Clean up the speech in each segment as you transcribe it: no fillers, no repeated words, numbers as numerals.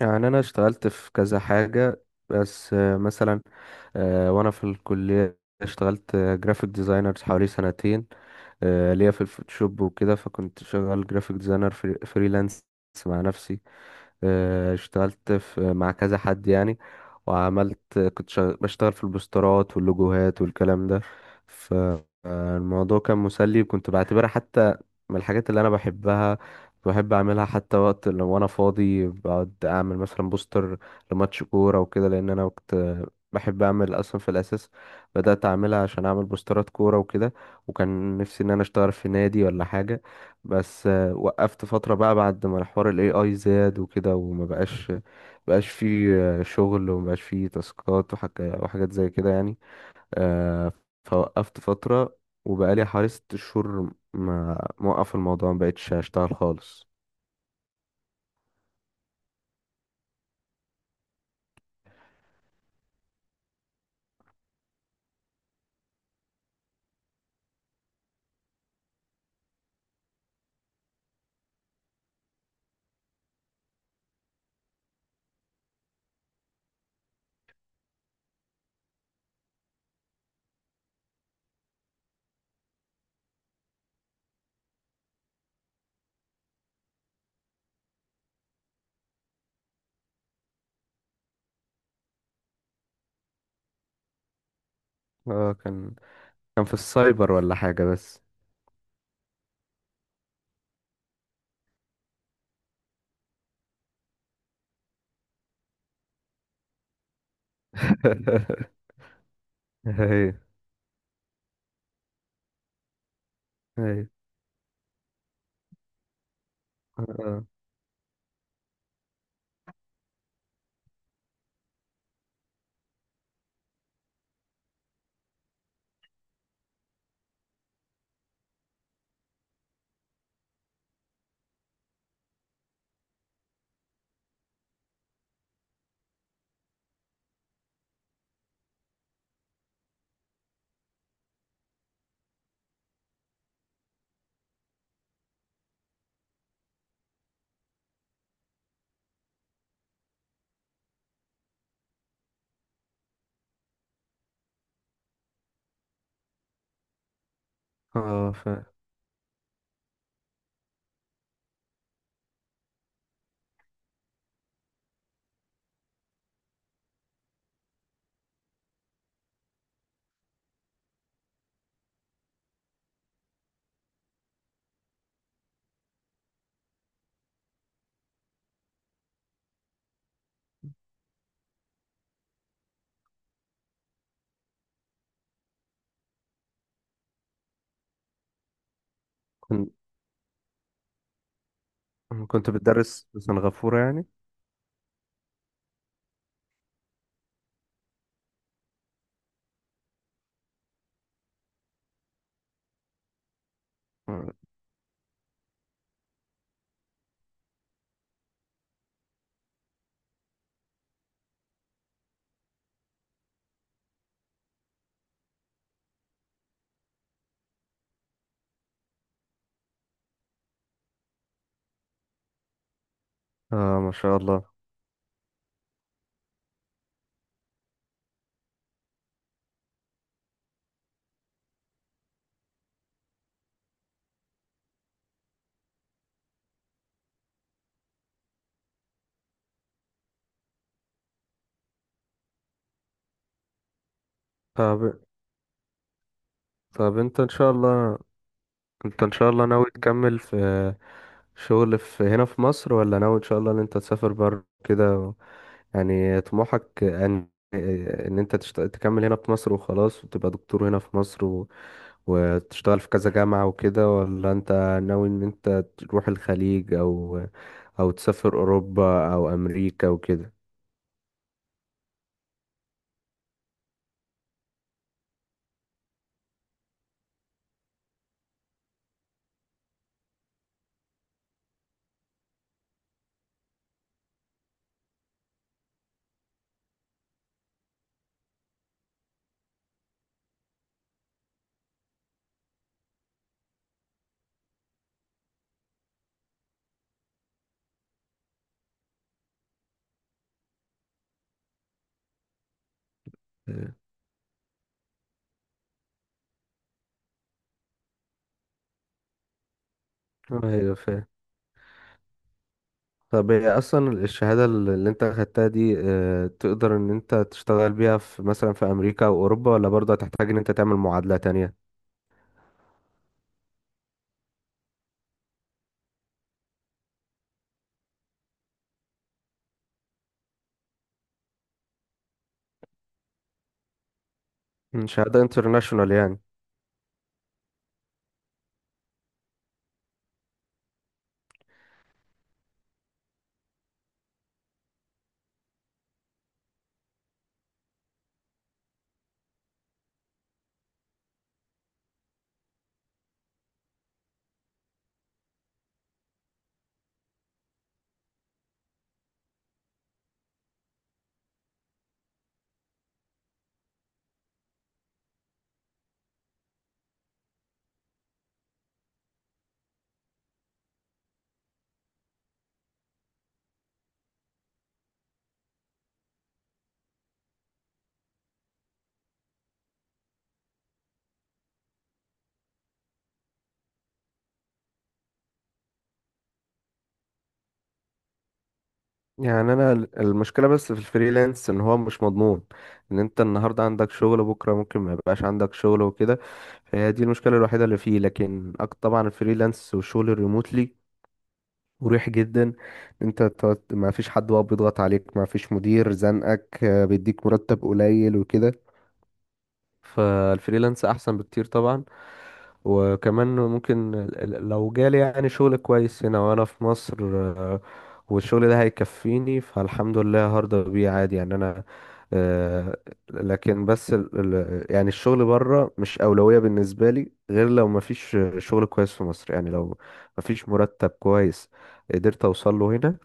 يعني انا اشتغلت في كذا حاجة بس مثلا. وانا في الكلية اشتغلت جرافيك ديزاينر حوالي سنتين، ليا في الفوتوشوب وكده، فكنت شغال جرافيك ديزاينر فريلانس مع نفسي. اشتغلت مع كذا حد يعني، بشتغل في البوسترات واللوجوهات والكلام ده. فالموضوع كان مسلي، وكنت بعتبرها حتى من الحاجات اللي انا بحبها، بحب اعملها حتى وقت لو وانا فاضي بقعد اعمل مثلا بوستر لماتش كوره وكده، لان انا كنت بحب اعمل اصلا. في الاساس بدات اعملها عشان اعمل بوسترات كوره وكده، وكان نفسي ان انا اشتغل في نادي ولا حاجه، بس وقفت فترة بقى بعد ما حوار ال AI زاد وكده، وما بقاش فيه شغل، وما بقاش فيه تاسكات وحاجات زي كده يعني. آه، فوقفت فترة، وبقالي حوالي ست شهور ما موقف الموضوع، ما بقتش اشتغل خالص. اه، كان في السايبر ولا حاجة بس. هي هي اه اه آه، ف كنت كنت بتدرس في سنغافورة يعني؟ اه. ما شاء الله. طب طب، انت ان شاء الله ناوي تكمل في شغل في هنا في مصر، ولا ناوي ان شاء الله ان انت تسافر بره كده يعني طموحك تكمل هنا في مصر وخلاص، وتبقى دكتور هنا في مصر وتشتغل في كذا جامعة وكده، ولا انت ناوي ان انت تروح الخليج او تسافر اوروبا او امريكا وكده؟ اه، ايوه. طب هي اصلا الشهاده اللي انت اخدتها دي تقدر ان انت تشتغل بيها في مثلا في امريكا او اوروبا، ولا برضه هتحتاج ان انت تعمل معادله تانية؟ شهاده انترناشونال يعني. يعني انا المشكله بس في الفريلانس ان هو مش مضمون، ان انت النهارده عندك شغل بكره ممكن ما يبقاش عندك شغل وكده، فهي دي المشكله الوحيده اللي فيه. لكن طبعا الفريلانس والشغل الريموتلي مريح جدا، إن ما فيش حد بقى بيضغط عليك، ما فيش مدير زنقك بيديك مرتب قليل وكده. فالفريلانس احسن بكتير طبعا. وكمان ممكن لو جالي يعني شغل كويس هنا وانا في مصر، والشغل ده هيكفيني فالحمد لله هرضى بيه عادي يعني انا. آه، لكن بس يعني الشغل بره مش أولوية بالنسبة لي، غير لو مفيش شغل كويس في مصر، يعني لو مفيش مرتب كويس قدرت أوصل له هنا،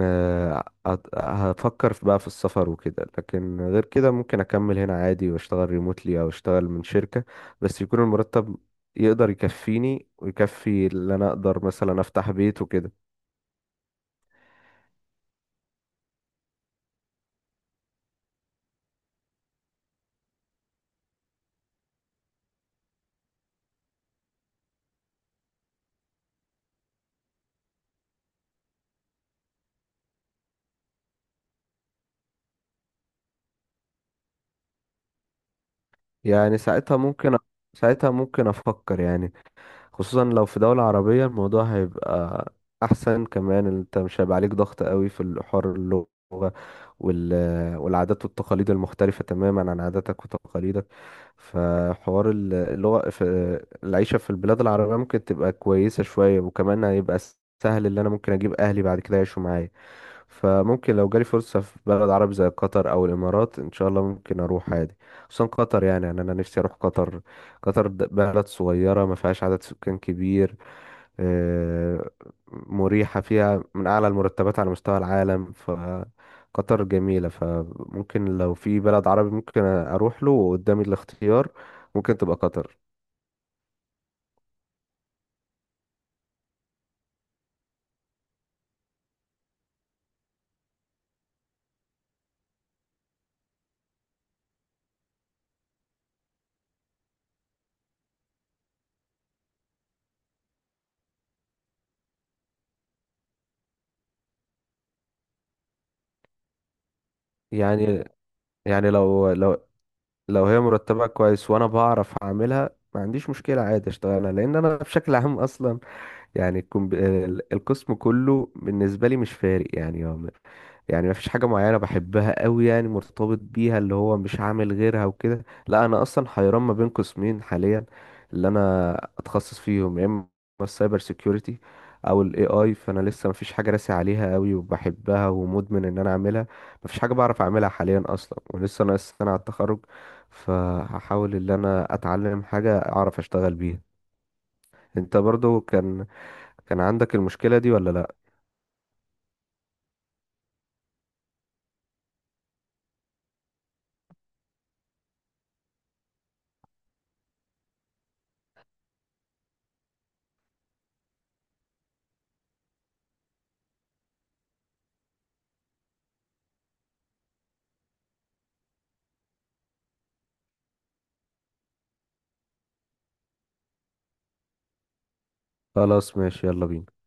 هفكر بقى في السفر وكده. لكن غير كده ممكن اكمل هنا عادي واشتغل ريموتلي او اشتغل من شركة، بس يكون المرتب يقدر يكفيني ويكفي اللي انا اقدر مثلا افتح بيت وكده. يعني ساعتها ممكن افكر يعني، خصوصا لو في دولة عربية الموضوع هيبقى أحسن. كمان أنت مش هيبقى عليك ضغط قوي في الحوار اللغة وال... والعادات والتقاليد المختلفة تماما عن عاداتك وتقاليدك. فحوار اللغة في العيشة في البلاد العربية ممكن تبقى كويسة شوية، وكمان هيبقى سهل اللي أنا ممكن أجيب أهلي بعد كده يعيشوا معايا. فممكن لو جالي فرصة في بلد عربي زي قطر أو الإمارات إن شاء الله ممكن أروح عادي، خصوصا قطر. يعني أنا نفسي أروح قطر. قطر بلد صغيرة ما فيهاش عدد سكان كبير، آه، مريحة، فيها من أعلى المرتبات على مستوى العالم، فقطر جميلة. فممكن لو في بلد عربي ممكن أروح له، وقدامي الاختيار ممكن تبقى قطر. يعني لو لو هي مرتبها كويس وأنا بعرف أعملها، ما عنديش مشكلة عادي أشتغلها. لأن أنا بشكل عام أصلا، يعني القسم كله بالنسبة لي مش فارق. يعني يعني مفيش حاجة معينة بحبها قوي يعني مرتبط بيها اللي هو مش عامل غيرها وكده. لا، أنا أصلا حيران ما بين قسمين حاليا اللي أنا أتخصص فيهم، يا إما السايبر سيكيورتي أو ال AI. فأنا لسه مفيش حاجة راسي عليها قوي وبحبها ومدمن إن أنا أعملها، مفيش حاجة بعرف أعملها حاليا أصلا، ولسه ناقص سنة على التخرج، فهحاول إن أنا أتعلم حاجة أعرف أشتغل بيها. انت برضو كان عندك المشكلة دي ولا لا؟ خلاص ماشي يلا بينا.